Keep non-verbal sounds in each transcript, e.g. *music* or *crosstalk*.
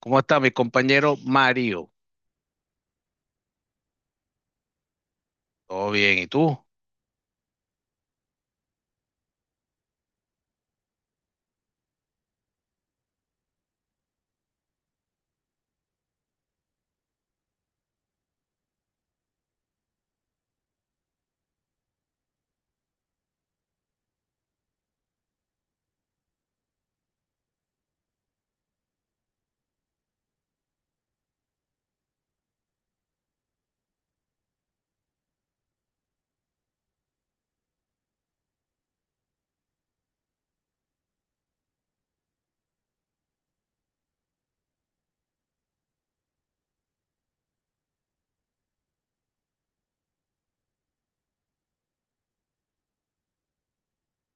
¿Cómo está mi compañero Mario? Todo bien, ¿y tú?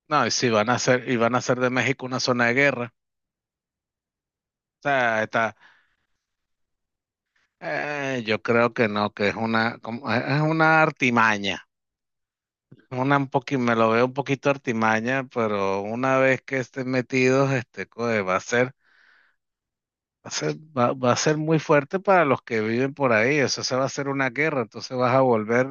No, y si van a hacer, y van a hacer de México una zona de guerra. O sea, está, yo creo que no, que es una artimaña. Me lo veo un poquito artimaña, pero una vez que estén metidos, coe, va a ser, va a ser, va, va a ser muy fuerte para los que viven por ahí. Eso se va a hacer una guerra, entonces vas a volver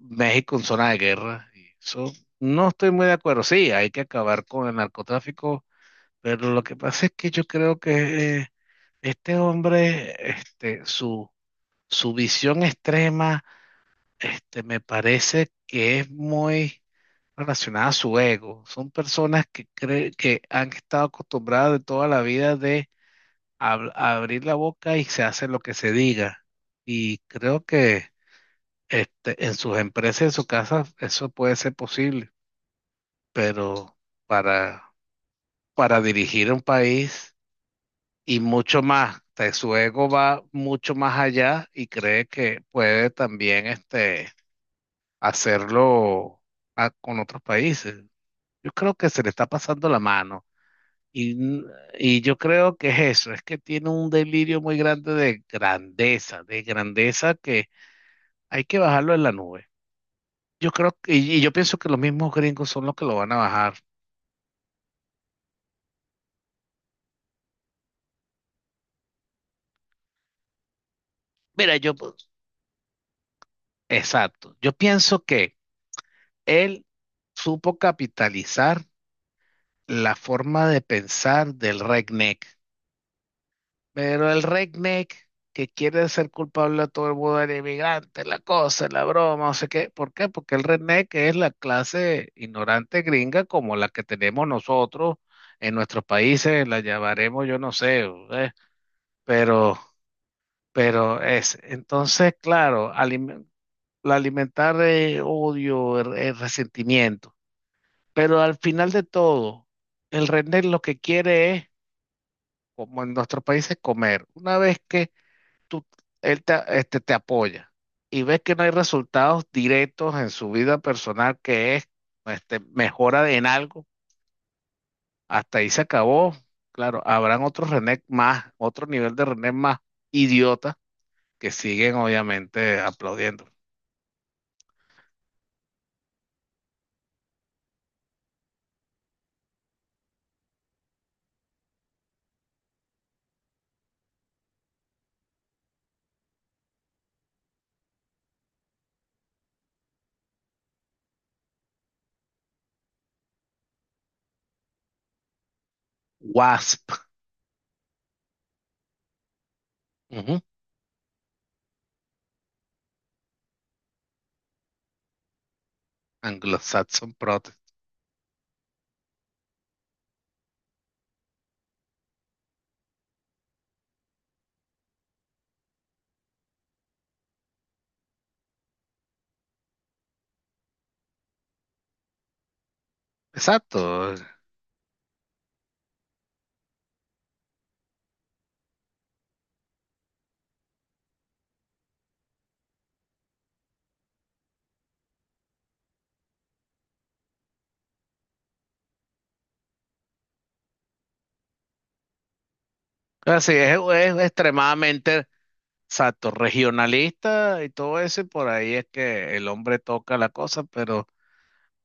México en zona de guerra. Y eso no estoy muy de acuerdo. Sí, hay que acabar con el narcotráfico. Pero lo que pasa es que yo creo que este hombre, su visión extrema, me parece que es muy relacionada a su ego. Son personas que creen que han estado acostumbradas de toda la vida de abrir la boca y se hace lo que se diga. Y creo que en sus empresas, en su casa, eso puede ser posible. Pero para, para dirigir un país. Y mucho más. Su ego va mucho más allá y cree que puede también hacerlo con otros países. Yo creo que se le está pasando la mano. Y, n- y yo creo que es eso, es que tiene un delirio muy grande de grandeza, que hay que bajarlo en la nube. Yo creo que, y yo pienso que los mismos gringos son los que lo van a bajar. Mira, exacto, yo pienso que él supo capitalizar la forma de pensar del redneck. Pero el redneck que quiere ser culpable a todo el mundo del inmigrante, la cosa, la broma, no sé qué. ¿Por qué? Porque el redneck es la clase ignorante gringa como la que tenemos nosotros en nuestros países, la llamaremos, yo no sé, ¿eh? Pero, pero es. Entonces, claro, la alimentar odio, el resentimiento. Pero al final de todo, el redneck lo que quiere es como en nuestro país es comer. Una vez que tú, él te, este, te apoya y ves que no hay resultados directos en su vida personal, que es mejora en algo, hasta ahí se acabó. Claro, habrán otros René más, otro nivel de René más idiota que siguen obviamente aplaudiendo. WASP, ujú, Anglo-Saxon Protest. Exacto. Así es extremadamente exacto, regionalista y todo eso, y por ahí es que el hombre toca la cosa, pero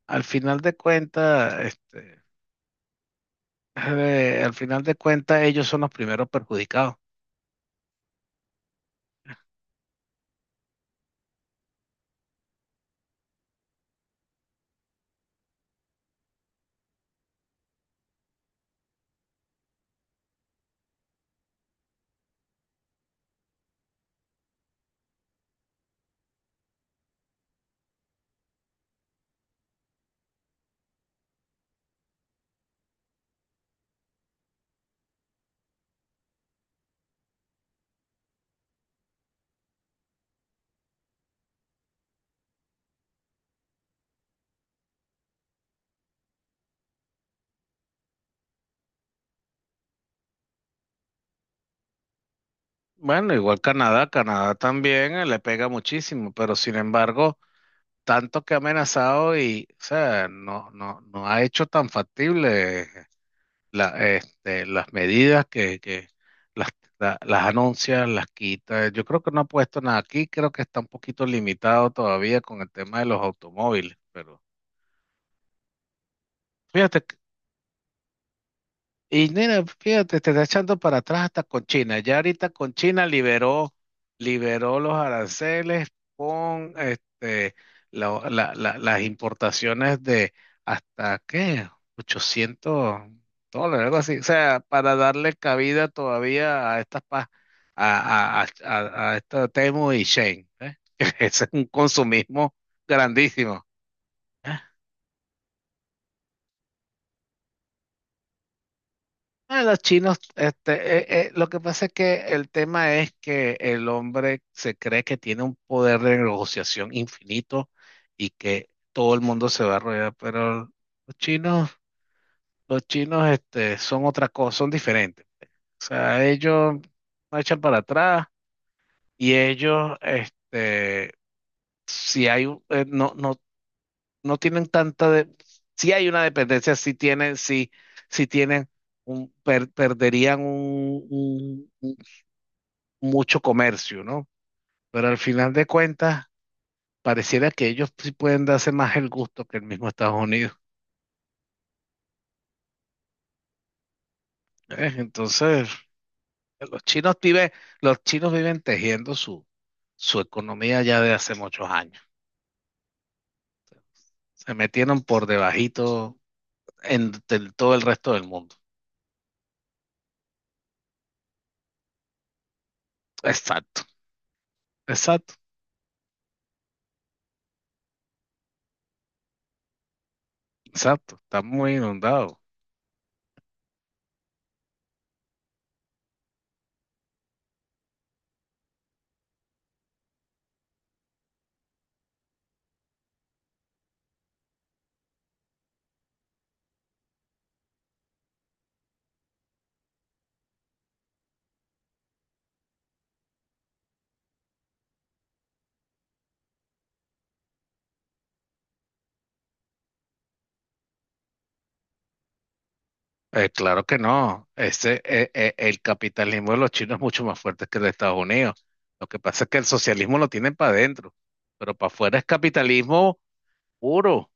al final de cuentas, este, al final de cuentas, ellos son los primeros perjudicados. Bueno, igual Canadá también le pega muchísimo, pero sin embargo, tanto que ha amenazado y, o sea, no, no, no ha hecho tan factible las medidas que las, las anuncia, las quita. Yo creo que no ha puesto nada aquí, creo que está un poquito limitado todavía con el tema de los automóviles, pero fíjate, y mira, fíjate, te está echando para atrás hasta con China. Ya ahorita con China liberó los aranceles con las importaciones de hasta, ¿qué? $800, algo así. O sea, para darle cabida todavía a estas pa- a, a, a, a esta Temu y Shein, ¿eh? *laughs* Ese es un consumismo grandísimo. Ah, los chinos, lo que pasa es que el tema es que el hombre se cree que tiene un poder de negociación infinito y que todo el mundo se va a arrodillar, pero los chinos, los chinos, son otra cosa, son diferentes. O sea, ellos no echan para atrás y ellos, no, no, no tienen tanta de, si hay una dependencia, si tienen un, perderían un, mucho comercio, ¿no? Pero al final de cuentas, pareciera que ellos sí pueden darse más el gusto que el mismo Estados Unidos. ¿Eh? Entonces, los chinos viven, los chinos viven tejiendo su economía ya de hace muchos años. Se metieron por debajito todo el resto del mundo. Exacto, exacto, exacto. Está muy inundado. Claro que no. El capitalismo de los chinos es mucho más fuerte que el de Estados Unidos. Lo que pasa es que el socialismo lo tienen para adentro, pero para afuera es capitalismo puro.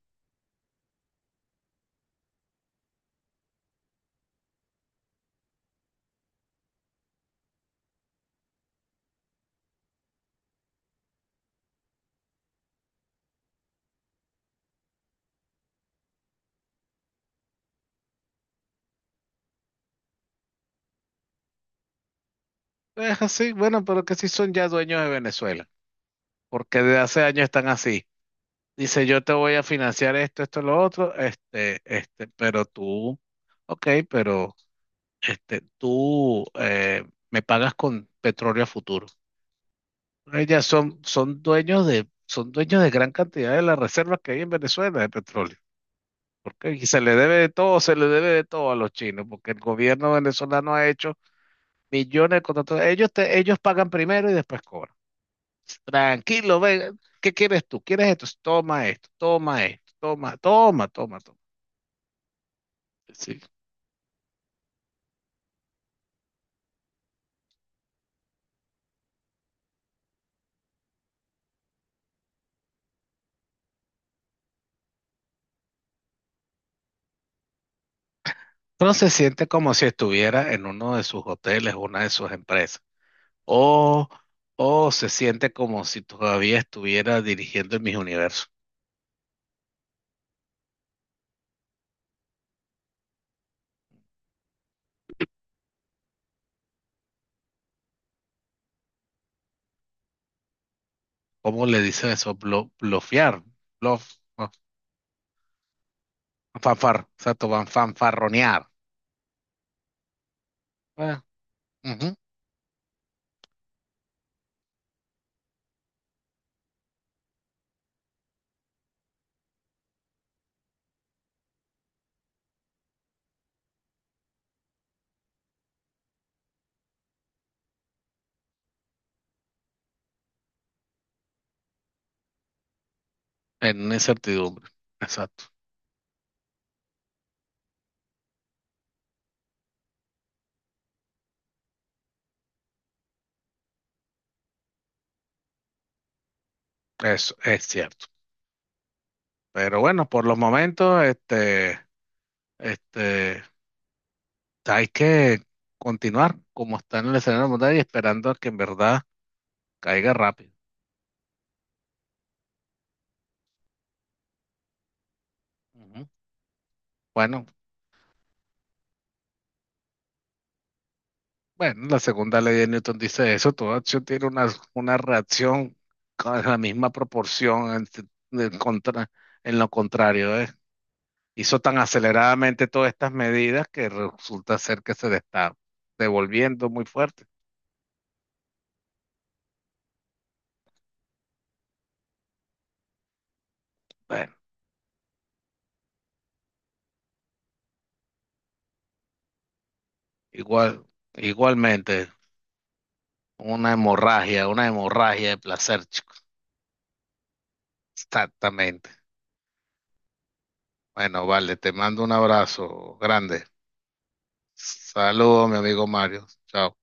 Es así, bueno, pero que sí son ya dueños de Venezuela, porque desde hace años están así. Dice, yo te voy a financiar esto, esto, lo otro, pero tú, ok, pero tú me pagas con petróleo a futuro. Ellas son dueños de, son dueños de gran cantidad de las reservas que hay en Venezuela de petróleo. Porque y se le debe de todo a los chinos, porque el gobierno venezolano ha hecho millones de contratos. Ellos pagan primero y después cobran. Tranquilo, ven, ¿qué quieres tú? ¿Quieres esto? Toma esto, toma esto, toma, toma, toma, toma. Sí. Uno se siente como si estuviera en uno de sus hoteles, una de sus empresas. O, o se siente como si todavía estuviera dirigiendo el Miss Universo. ¿Cómo le dicen eso? Blofear, bluff, no, exacto, van fanfarronear. Bueno, ujú, en incertidumbre, exacto, eso es cierto. Pero bueno, por los momentos, este, hay que continuar como está en el escenario mundial y esperando a que en verdad caiga rápido. Ujú. Bueno, bueno, la segunda ley de Newton dice eso, toda acción tiene una reacción con la misma proporción en, en contra- en lo contrario, ¿eh? Hizo tan aceleradamente todas estas medidas que resulta ser que se le está devolviendo muy fuerte. Bueno, igual, igualmente, una hemorragia de placer, chicos. Exactamente. Bueno, vale, te mando un abrazo grande. Saludos, mi amigo Mario. Chao.